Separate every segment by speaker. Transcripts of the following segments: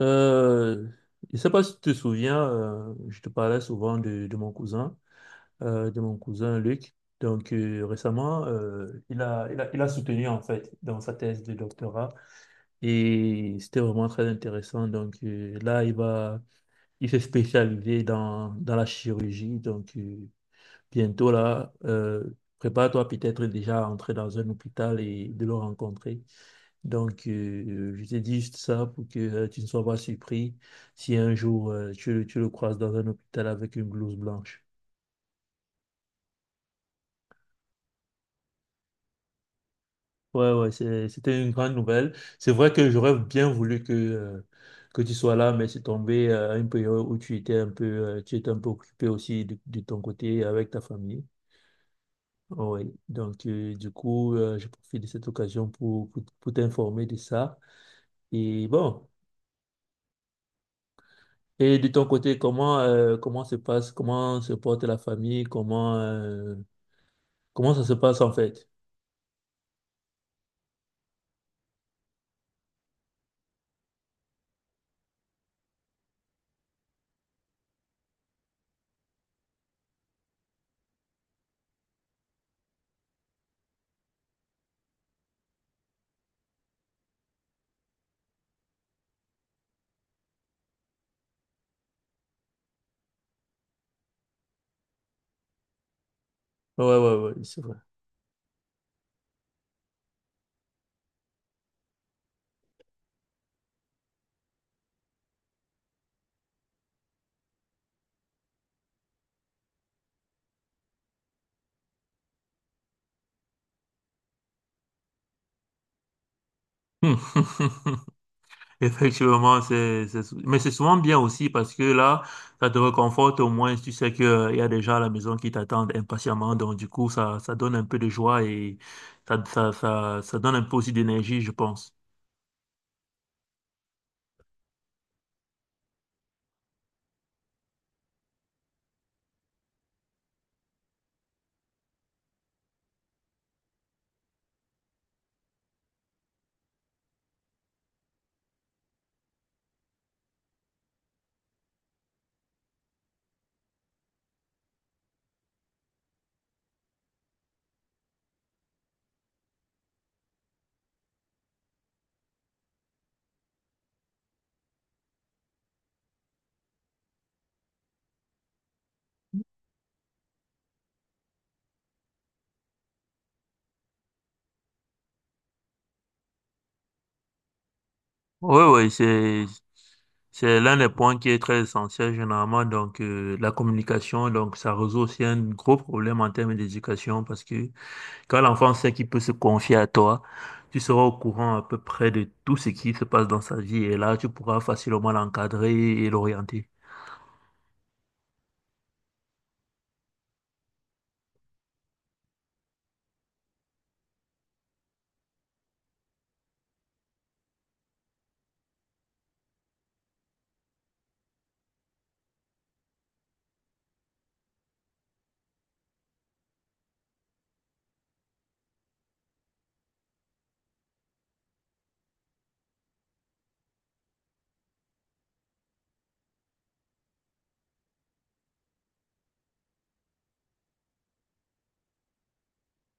Speaker 1: Euh, je ne sais pas si tu te souviens, je te parlais souvent de mon cousin, de mon cousin Luc. Récemment, il a soutenu en fait dans sa thèse de doctorat et c'était vraiment très intéressant. Là, il va, il s'est spécialisé dans la chirurgie. Bientôt là. Prépare-toi peut-être déjà à entrer dans un hôpital et de le rencontrer. Donc, je te dis juste ça pour que tu ne sois pas surpris si un jour tu le croises dans un hôpital avec une blouse blanche. Ouais, ouais, c'était une grande nouvelle. C'est vrai que j'aurais bien voulu que tu sois là, mais c'est tombé à une période où tu étais un peu, tu étais un peu occupé aussi de ton côté avec ta famille. Oui, donc du coup, je profite de cette occasion pour t'informer de ça. Et bon, et de ton côté, comment, comment se passe, comment se porte la famille, comment, comment ça se passe en fait? Ouais, ouais, ouais, oui, c'est vrai. Hmm. Effectivement, mais c'est souvent bien aussi parce que là, ça te réconforte au moins, tu sais que, il y a des gens à la maison qui t'attendent impatiemment, donc du coup, ça donne un peu de joie et ça donne un peu aussi d'énergie, je pense. Oui, oui, c'est l'un des points qui est très essentiel généralement. Donc, la communication, donc, ça résout aussi un gros problème en termes d'éducation parce que quand l'enfant sait qu'il peut se confier à toi, tu seras au courant à peu près de tout ce qui se passe dans sa vie et là, tu pourras facilement l'encadrer et l'orienter.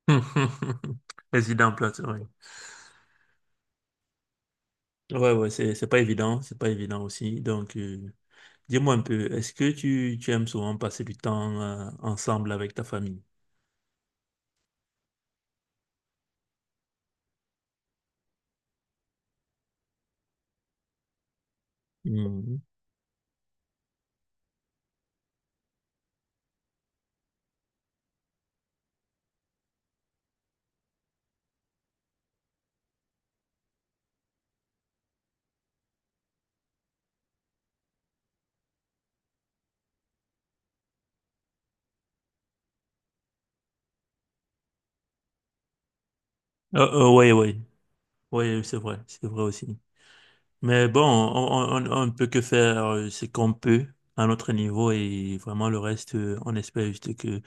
Speaker 1: Président Platon, oui. Ouais, ouais, c'est pas évident aussi. Donc, dis-moi un peu, est-ce que tu aimes souvent passer du temps ensemble avec ta famille? Mhm. Euh, ouais, ouais, ouais, c'est vrai aussi. Mais bon, on ne peut que faire ce qu'on peut à notre niveau et vraiment le reste, on espère juste que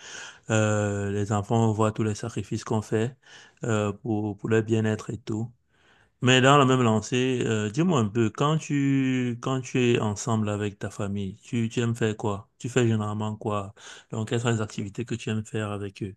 Speaker 1: les enfants voient tous les sacrifices qu'on fait pour leur bien-être et tout. Mais dans la même lancée, dis-moi un peu, quand tu es ensemble avec ta famille, tu aimes faire quoi? Tu fais généralement quoi? Donc, quelles sont les activités que tu aimes faire avec eux?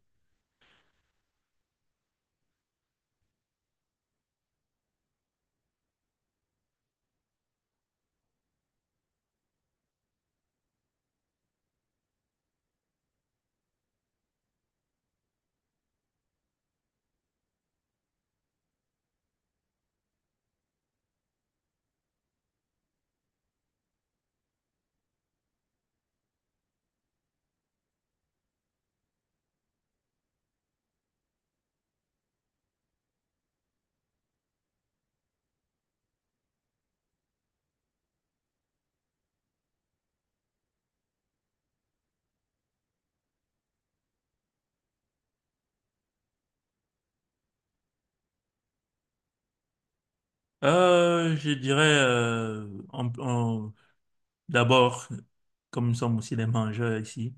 Speaker 1: Je dirais, on- on- d'abord, comme nous sommes aussi des mangeurs ici,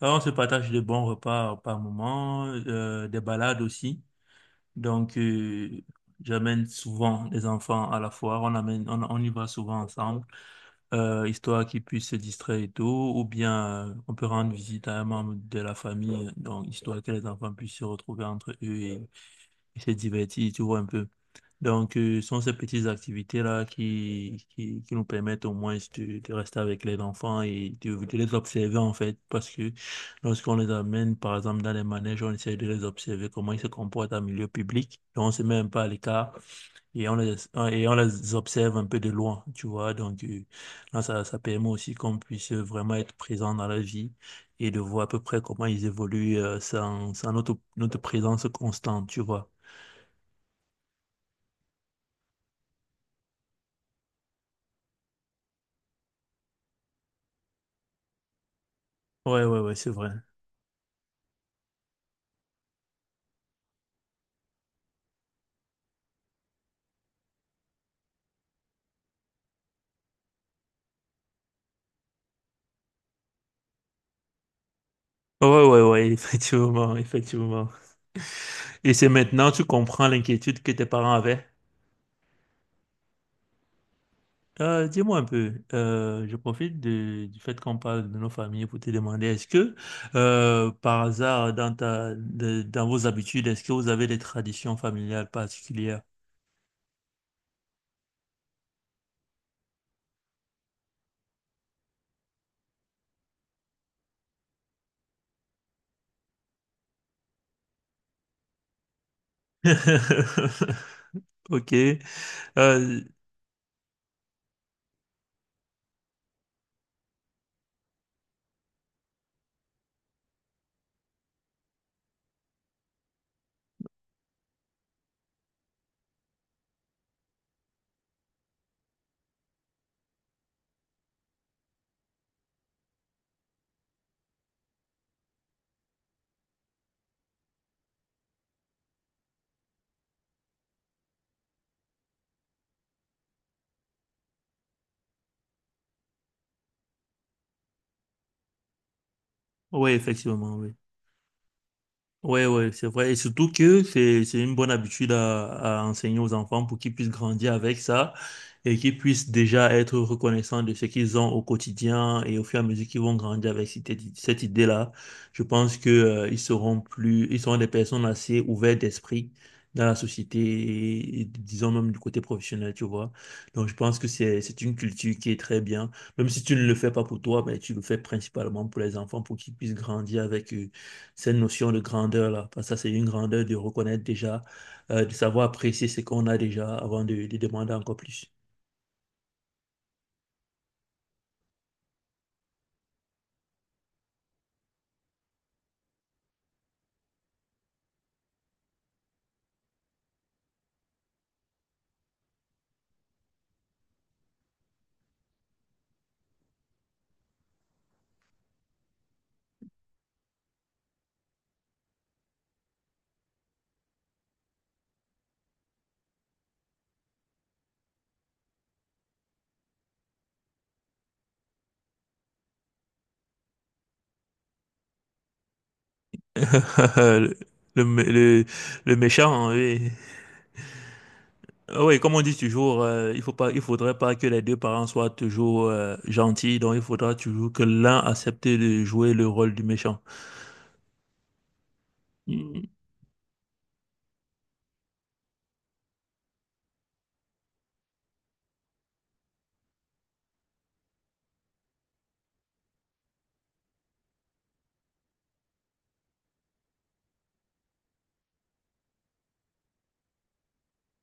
Speaker 1: alors on se partage de bons repas par moment, des balades aussi. Donc, j'amène souvent des enfants à la foire, on amène, on y va souvent ensemble. Histoire qu'ils puissent se distraire et tout, ou bien on peut rendre visite à un membre de la famille, donc histoire que les enfants puissent se retrouver entre eux et se divertir, tu vois un peu. Donc, ce sont ces petites activités-là qui nous permettent au moins de rester avec les enfants et de les observer, en fait, parce que lorsqu'on les amène, par exemple, dans les manèges, on essaie de les observer, comment ils se comportent en milieu public, et on se met un peu à l'écart et on les, et on les observe un peu de loin, tu vois. Donc, là, ça permet aussi qu'on puisse vraiment être présent dans la vie et de voir à peu près comment ils évoluent sans, sans notre, notre présence constante, tu vois. Ouais, ouais, ouais, c'est vrai. Ouais, ouais, ouais, effectivement, effectivement. Et c'est maintenant que tu comprends l'inquiétude que tes parents avaient. Dis-moi un peu, je profite du fait qu'on parle de nos familles pour te demander, est-ce que par hasard dans dans vos habitudes, est-ce que vous avez des traditions familiales particulières? Ok, euh, oui, effectivement, oui. Ouais, ouais, c'est vrai. Et surtout que c'est une bonne habitude à enseigner aux enfants pour qu'ils puissent grandir avec ça et qu'ils puissent déjà être reconnaissants de ce qu'ils ont au quotidien et au fur et à mesure qu'ils vont grandir avec cette idée-là. Je pense que, ils seront des personnes assez ouvertes d'esprit dans la société et disons même du côté professionnel, tu vois. Donc, je pense que c'est une culture qui est très bien. Même si tu ne le fais pas pour toi, mais tu le fais principalement pour les enfants pour qu'ils puissent grandir avec eux cette notion de grandeur-là. Parce que ça, c'est une grandeur de reconnaître déjà, de savoir apprécier ce qu'on a déjà avant de demander encore plus. Le, le, mé- le- le méchant, hein, oui. Ah oui, comme on dit toujours, il faut pas, il faudrait pas que les deux parents soient toujours gentils, donc il faudra toujours que l'un accepte de jouer le rôle du méchant. Mm.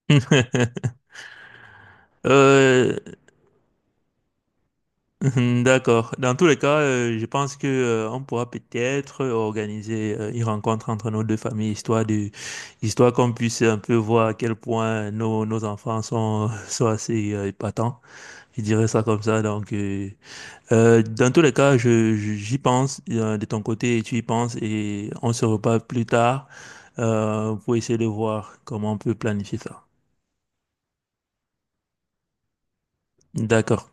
Speaker 1: Euh, mhm, d'accord. Dans tous les cas, je pense que on pourra peut-être organiser une rencontre entre nos deux familles, histoire de, histoire qu'on puisse un peu voir à quel point nos, nos enfants sont, sont assez épatants. Je dirais ça comme ça. Donc, dans tous les cas, j'y pense de ton côté et tu y penses et on se reparle plus tard pour essayer de voir comment on peut planifier ça. D'accord.